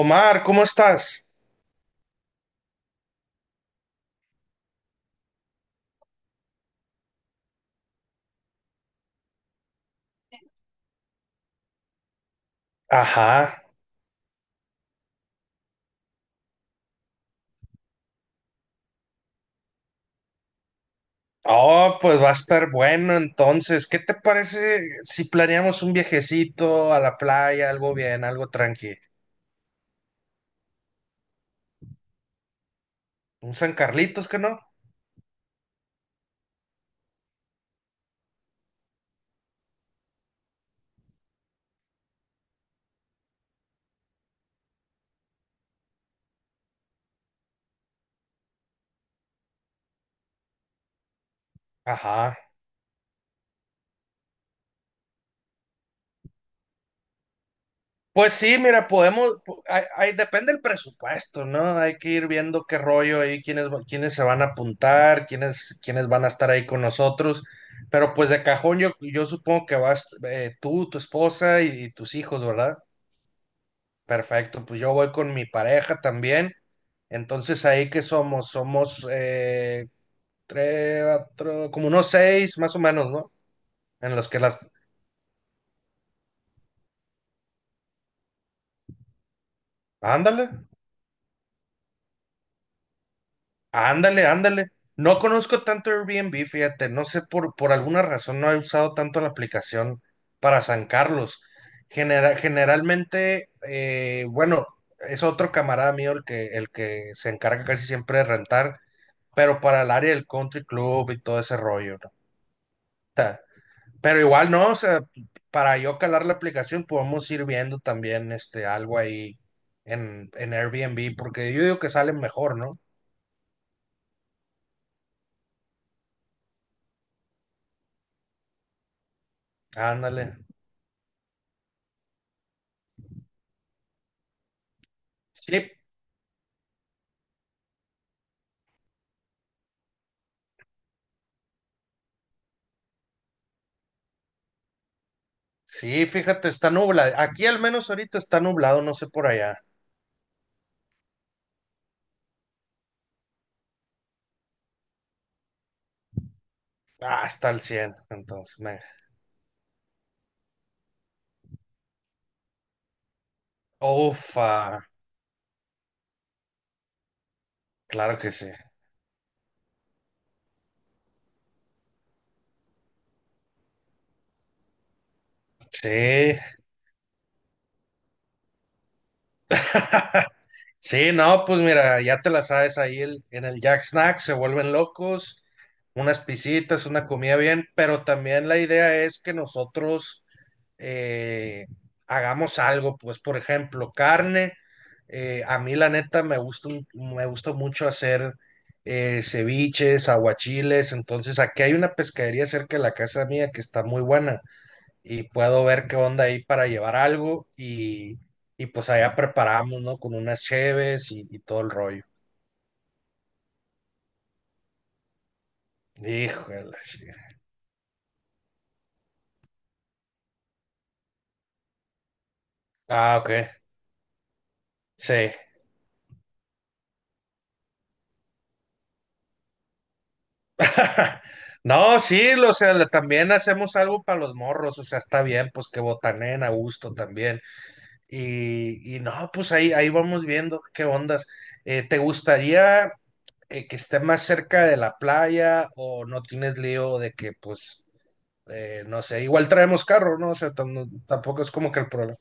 Omar, ¿cómo estás? Ajá. Oh, pues va a estar bueno entonces. ¿Qué te parece si planeamos un viajecito a la playa, algo bien, algo tranqui? Un San Carlitos, ¿que no? Ajá. Pues sí, mira, podemos, depende del presupuesto, ¿no? Hay que ir viendo qué rollo ahí, quiénes, quiénes se van a apuntar, quiénes van a estar ahí con nosotros. Pero pues de cajón yo supongo que vas tú, tu esposa y tus hijos, ¿verdad? Perfecto, pues yo voy con mi pareja también. Entonces, ¿ahí que somos? Somos tres, cuatro, como unos seis más o menos, ¿no? En los que las... Ándale, ándale, ándale. No conozco tanto Airbnb, fíjate, no sé, por alguna razón no he usado tanto la aplicación para San Carlos. Generalmente, bueno, es otro camarada mío el que se encarga casi siempre de rentar, pero para el área del country club y todo ese rollo, ¿no? Pero igual no, o sea, para yo calar la aplicación podemos ir viendo también este algo ahí en Airbnb, porque yo digo que salen mejor, ¿no? Ándale. Sí, sí, fíjate, está nublado. Aquí al menos ahorita está nublado, no sé por allá. Ah, está al 100, entonces. Ufa, claro que sí. Sí, sí, no, pues mira, ya te la sabes ahí en el Jack Snack, se vuelven locos, unas pisitas, una comida bien, pero también la idea es que nosotros eh, hagamos algo, pues por ejemplo, carne, a mí la neta me gusta, me gusta mucho hacer ceviches, aguachiles, entonces aquí hay una pescadería cerca de la casa mía que está muy buena y puedo ver qué onda ahí para llevar algo y pues allá preparamos, ¿no? Con unas cheves y todo el rollo. Híjole, sí. Ah, ok. Sí. No, sí, o sea, también hacemos algo para los morros, o sea, está bien, pues que botanen a gusto también. Y no, pues ahí vamos viendo qué ondas. ¿Te gustaría que esté más cerca de la playa o no tienes lío de que, pues, no sé, igual traemos carro, ¿no? O sea, tampoco es como que el problema.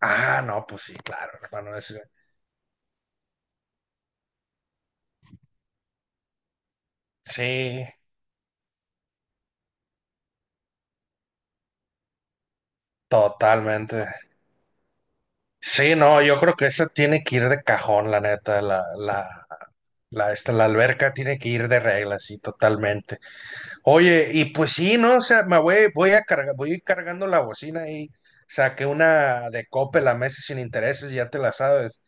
Ah, no, pues sí, claro, hermano. Sí, totalmente. Sí, no, yo creo que esa tiene que ir de cajón, la neta, la alberca tiene que ir de regla, sí, totalmente. Oye, y pues sí, ¿no? O sea, voy a cargar, voy a ir cargando la bocina y saqué una de Coppel la meses sin intereses, ya te la sabes.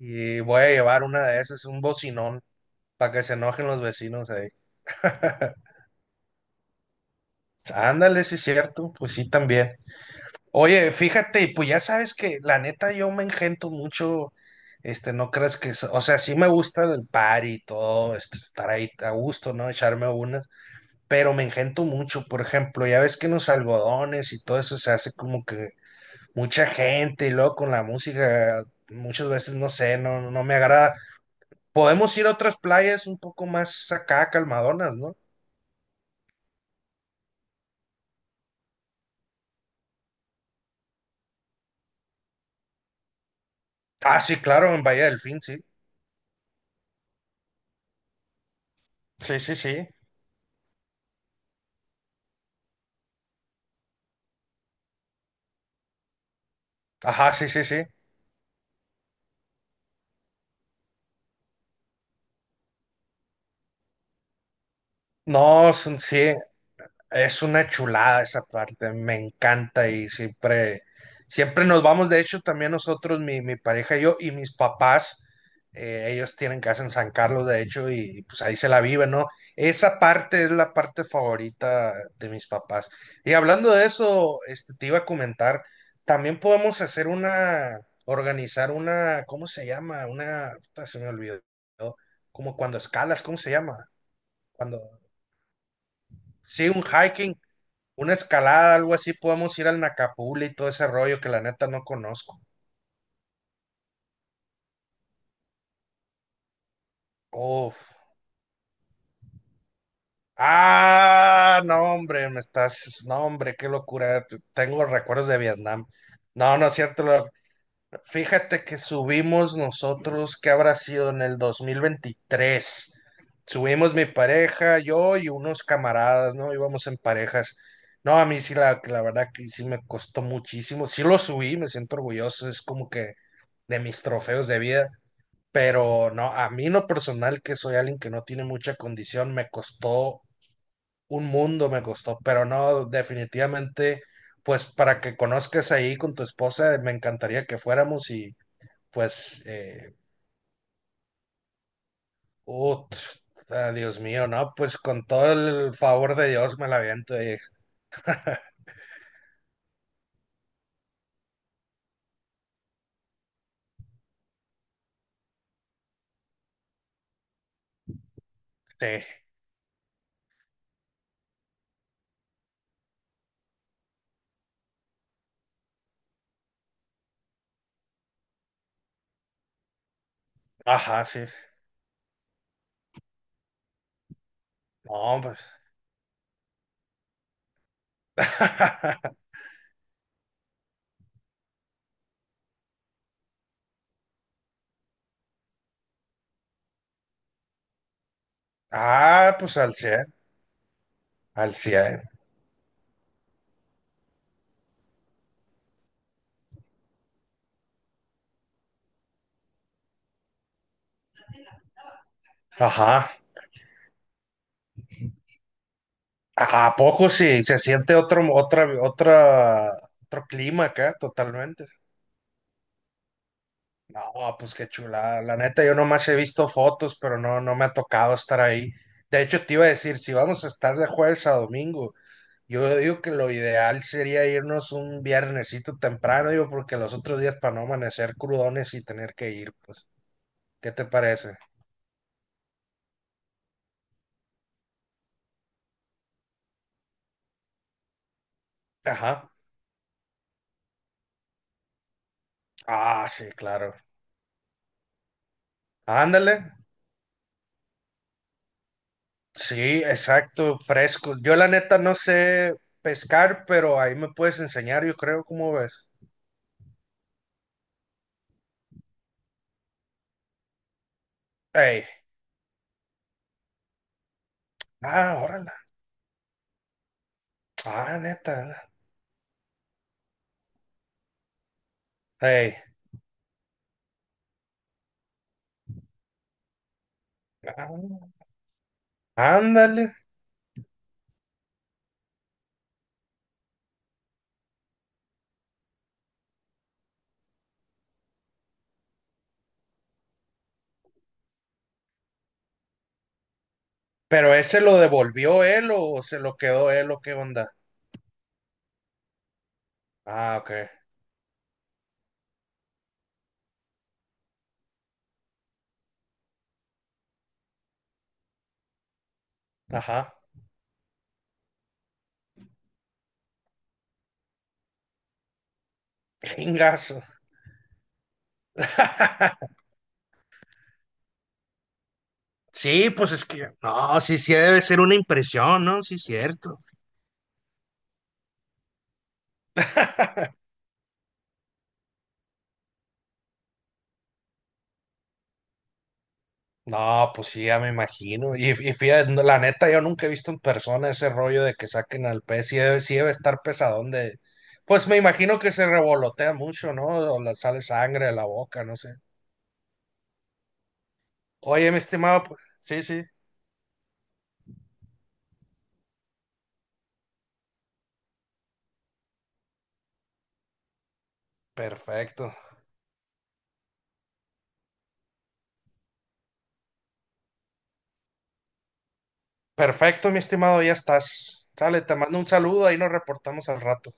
Y voy a llevar una de esas, un bocinón, para que se enojen los vecinos ahí. Ándale, sí es cierto, pues sí también. Oye, fíjate, pues ya sabes que la neta yo me engento mucho, este, no crees que, o sea, sí me gusta el party y todo, este, estar ahí a gusto, ¿no? Echarme unas, pero me engento mucho, por ejemplo, ya ves que en los algodones y todo eso se hace como que mucha gente y luego con la música muchas veces no sé, no me agrada. Podemos ir a otras playas un poco más acá, calmadonas, ¿no? Ah, sí, claro, en Bahía Delfín, sí. Sí, sí, sí. Ajá, sí, sí, sí. No, son- Sí, es una chulada esa parte, me encanta y siempre, siempre nos vamos, de hecho también nosotros, mi pareja y yo y mis papás, ellos tienen casa en San Carlos, de hecho, y pues ahí se la viven, ¿no? Esa parte es la parte favorita de mis papás. Y hablando de eso, este, te iba a comentar, también podemos hacer una, organizar una, ¿cómo se llama? Una, puta, se me olvidó, como cuando escalas, ¿cómo se llama? Cuando, sí, un hiking, una escalada, algo así, podemos ir al Nacapula y todo ese rollo que la neta no conozco. Uf. Ah, no, hombre, me estás. No, hombre, qué locura. Tengo recuerdos de Vietnam. No, no es cierto. Fíjate que subimos nosotros, ¿qué habrá sido en el 2023? Subimos mi pareja, yo y unos camaradas, ¿no? Íbamos en parejas. No, a mí sí, la verdad que sí me costó muchísimo. Sí lo subí, me siento orgulloso. Es como que de mis trofeos de vida. Pero no, a mí en lo personal, que soy alguien que no tiene mucha condición, me costó un mundo, me costó, pero no, definitivamente, pues para que conozcas ahí con tu esposa, me encantaría que fuéramos y pues, ut, ah, Dios mío, ¿no? Pues con todo el favor de Dios me la aviento sí, ajá, sí, no, pues, ah, pues al 100, al 100, ajá. ¿A poco sí? Se siente otro, otro clima acá, totalmente. No, pues qué chulada. La neta, yo nomás he visto fotos, pero no, no me ha tocado estar ahí. De hecho, te iba a decir, si vamos a estar de jueves a domingo, yo digo que lo ideal sería irnos un viernesito temprano, digo, porque los otros días para no amanecer crudones y tener que ir, pues, ¿qué te parece? Ajá. Ah, sí, claro. Ándale. Sí, exacto, frescos. Yo la neta no sé pescar, pero ahí me puedes enseñar, yo creo, ¿cómo ves? Ey, ah, órale. Ah, neta. Ey, ah, ándale. Pero ese lo devolvió él o se lo quedó él o qué onda. Ah, ok. Ajá. Chingazo. Sí, pues es que, no, sí, sí debe ser una impresión, ¿no? Sí, cierto. No, pues sí, ya me imagino. Y fíjate, no, la neta, yo nunca he visto en persona ese rollo de que saquen al pez. Sí debe estar pesadón de... Pues me imagino que se revolotea mucho, ¿no? O le sale sangre de la boca, no sé. Oye, mi estimado, sí, sí, perfecto. Perfecto, mi estimado, ya estás. Sale, te mando un saludo, ahí nos reportamos al rato.